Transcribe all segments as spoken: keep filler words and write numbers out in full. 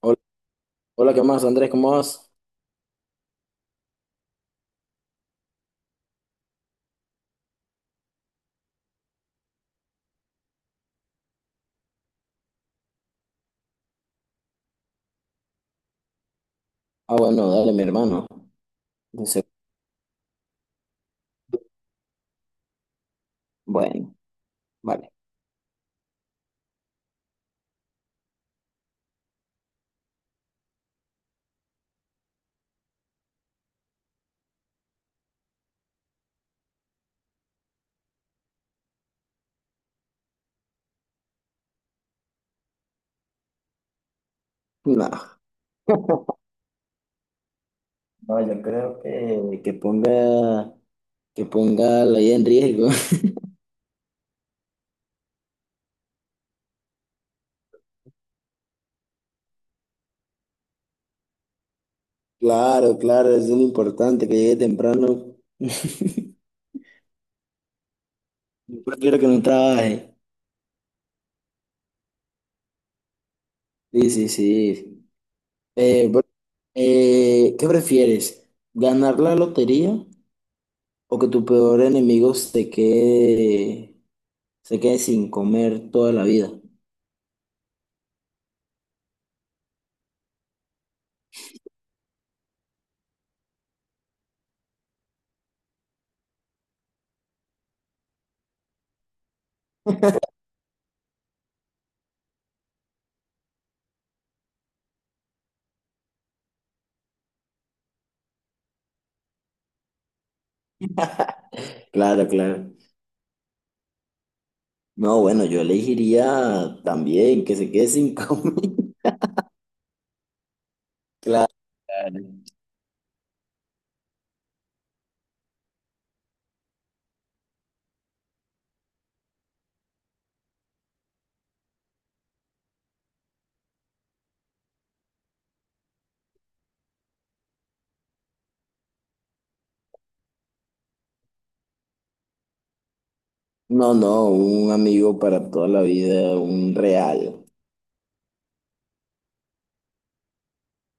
Hola, hola, ¿qué más, Andrés? ¿Cómo vas? Ah, bueno, dale, mi hermano. Dice, bueno, vale. No, no, yo creo que, que ponga, que ponga la vida en riesgo. Claro, claro, es muy importante, que llegue temprano. Yo prefiero que no trabaje. Sí, sí, sí. Eh, bro, eh, ¿qué prefieres? ¿Ganar la lotería o que tu peor enemigo se quede, se quede sin comer toda la vida? Claro, claro. No, bueno, yo elegiría también que se quede sin comida. Claro. No, no, un amigo para toda la vida, un real.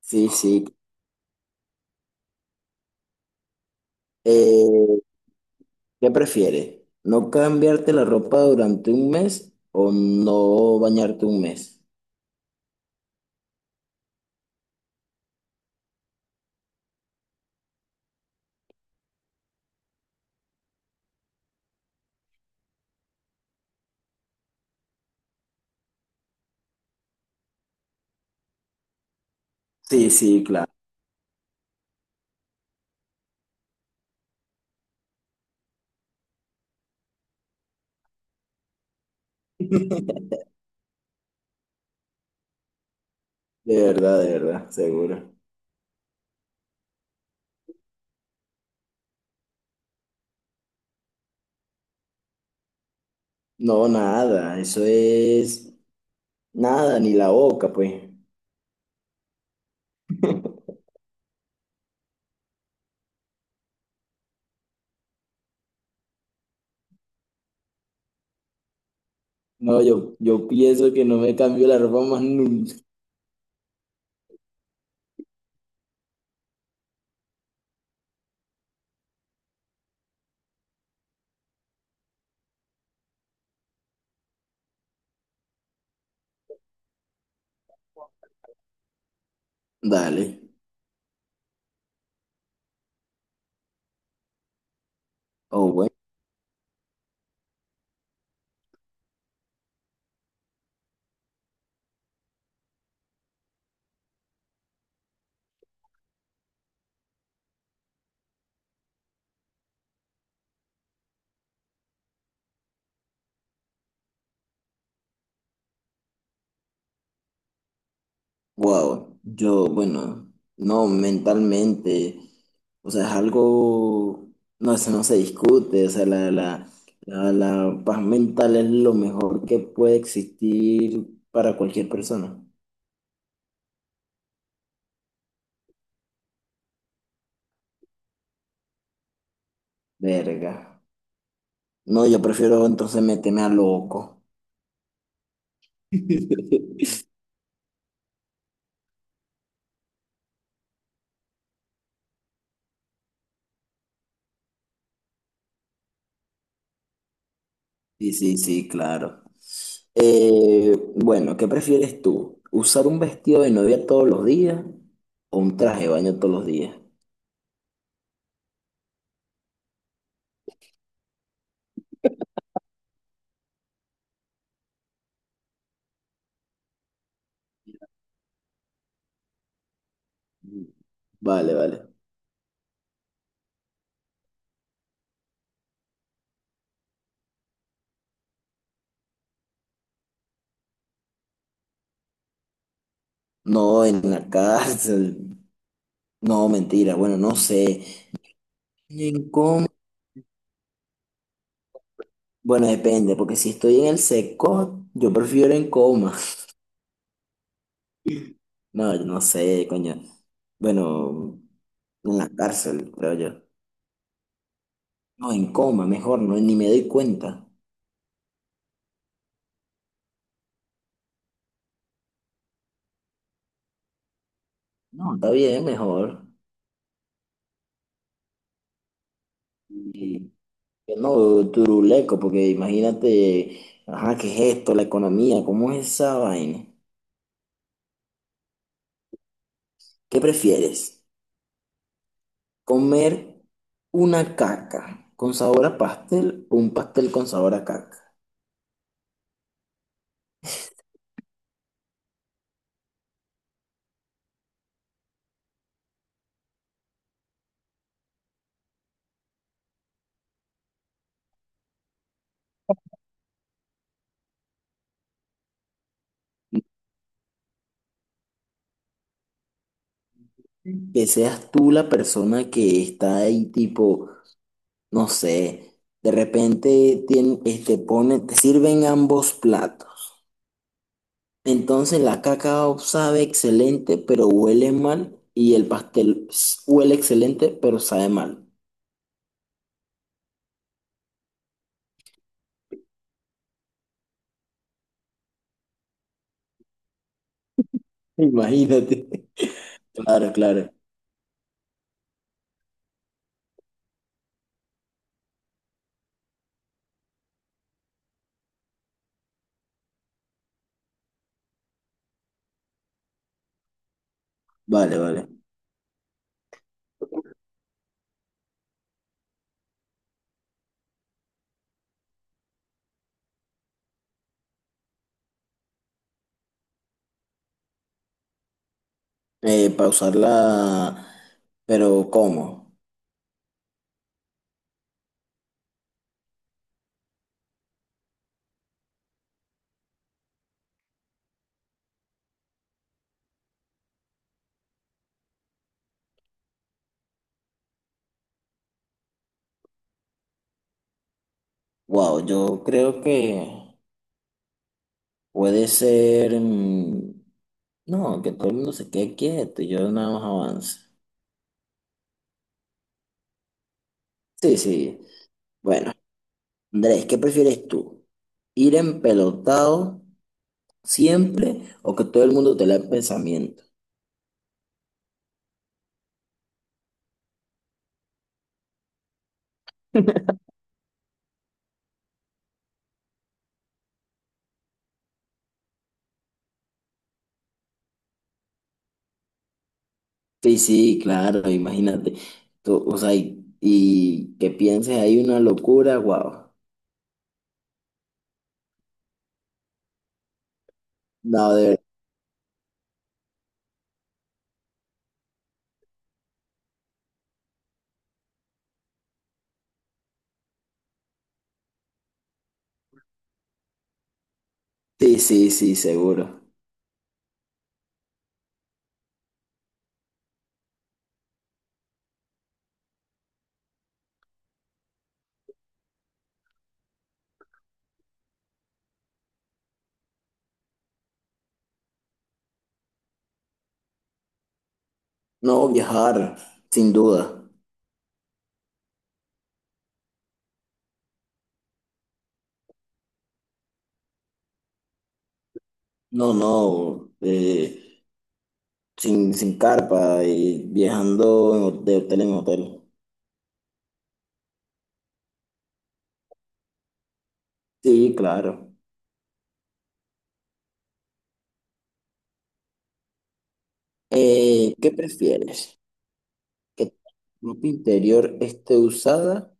Sí, sí. Eh, ¿qué prefieres? ¿No cambiarte la ropa durante un mes o no bañarte un mes? Sí, sí, claro. De verdad, de verdad, seguro. No, nada, eso es nada, ni la boca, pues. No, yo, yo pienso que no me cambio la ropa más nunca. Dale. O bueno. Wow, yo, bueno, no, mentalmente, o sea, es algo, no, eso no se discute, o sea, la, la, la, la paz mental es lo mejor que puede existir para cualquier persona. Verga. No, yo prefiero entonces meterme a loco. Sí, sí, sí, claro. Eh, bueno, ¿qué prefieres tú? ¿Usar un vestido de novia todos los días o un traje de baño todos los días? Vale, vale. No, en la cárcel. No, mentira. Bueno, no sé. En coma. Bueno, depende, porque si estoy en el seco, yo prefiero en coma. No, yo no sé, coño. Bueno, en la cárcel, creo yo. No, en coma, mejor, no, ni me doy cuenta. No, está bien, mejor. Y, que no, turuleco, porque imagínate, ajá, ¿qué es esto? La economía, ¿cómo es esa vaina? ¿Qué prefieres? Comer una caca con sabor a pastel o un pastel con sabor a caca. Que seas tú la persona que está ahí tipo, no sé, de repente tien- este, pone, te sirven ambos platos. Entonces la caca sabe excelente pero huele mal y el pastel s- huele excelente pero sabe mal. Imagínate. Claro, claro. Vale, vale. Eh, pausarla, pero ¿cómo? Wow, yo creo que puede ser, mm, no, que todo el mundo se quede quieto y yo nada más avance. Sí, sí. Bueno, Andrés, ¿qué prefieres tú? ¿Ir empelotado siempre o que todo el mundo te lea el pensamiento? Sí, sí, claro, imagínate. Tú, o sea, y, y que pienses ahí una locura, wow. No, de verdad. Sí, sí, sí, seguro. No, viajar, sin duda. No, no. eh, sin, sin carpa y viajando en ho- de hotel en hotel. Sí, claro. Eh, ¿qué prefieres? ¿Que tu ropa interior esté usada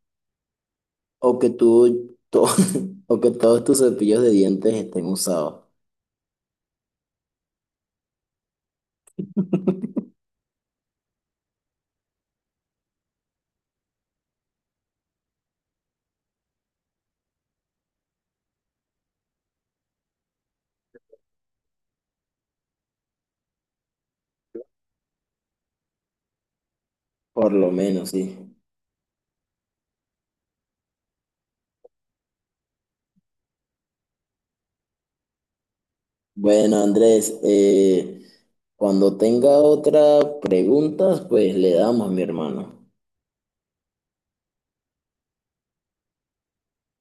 o que tu, to- o que todos tus cepillos de dientes estén usados? Por lo menos, sí. Bueno, Andrés, eh, cuando tenga otra pregunta, pues le damos, mi hermano.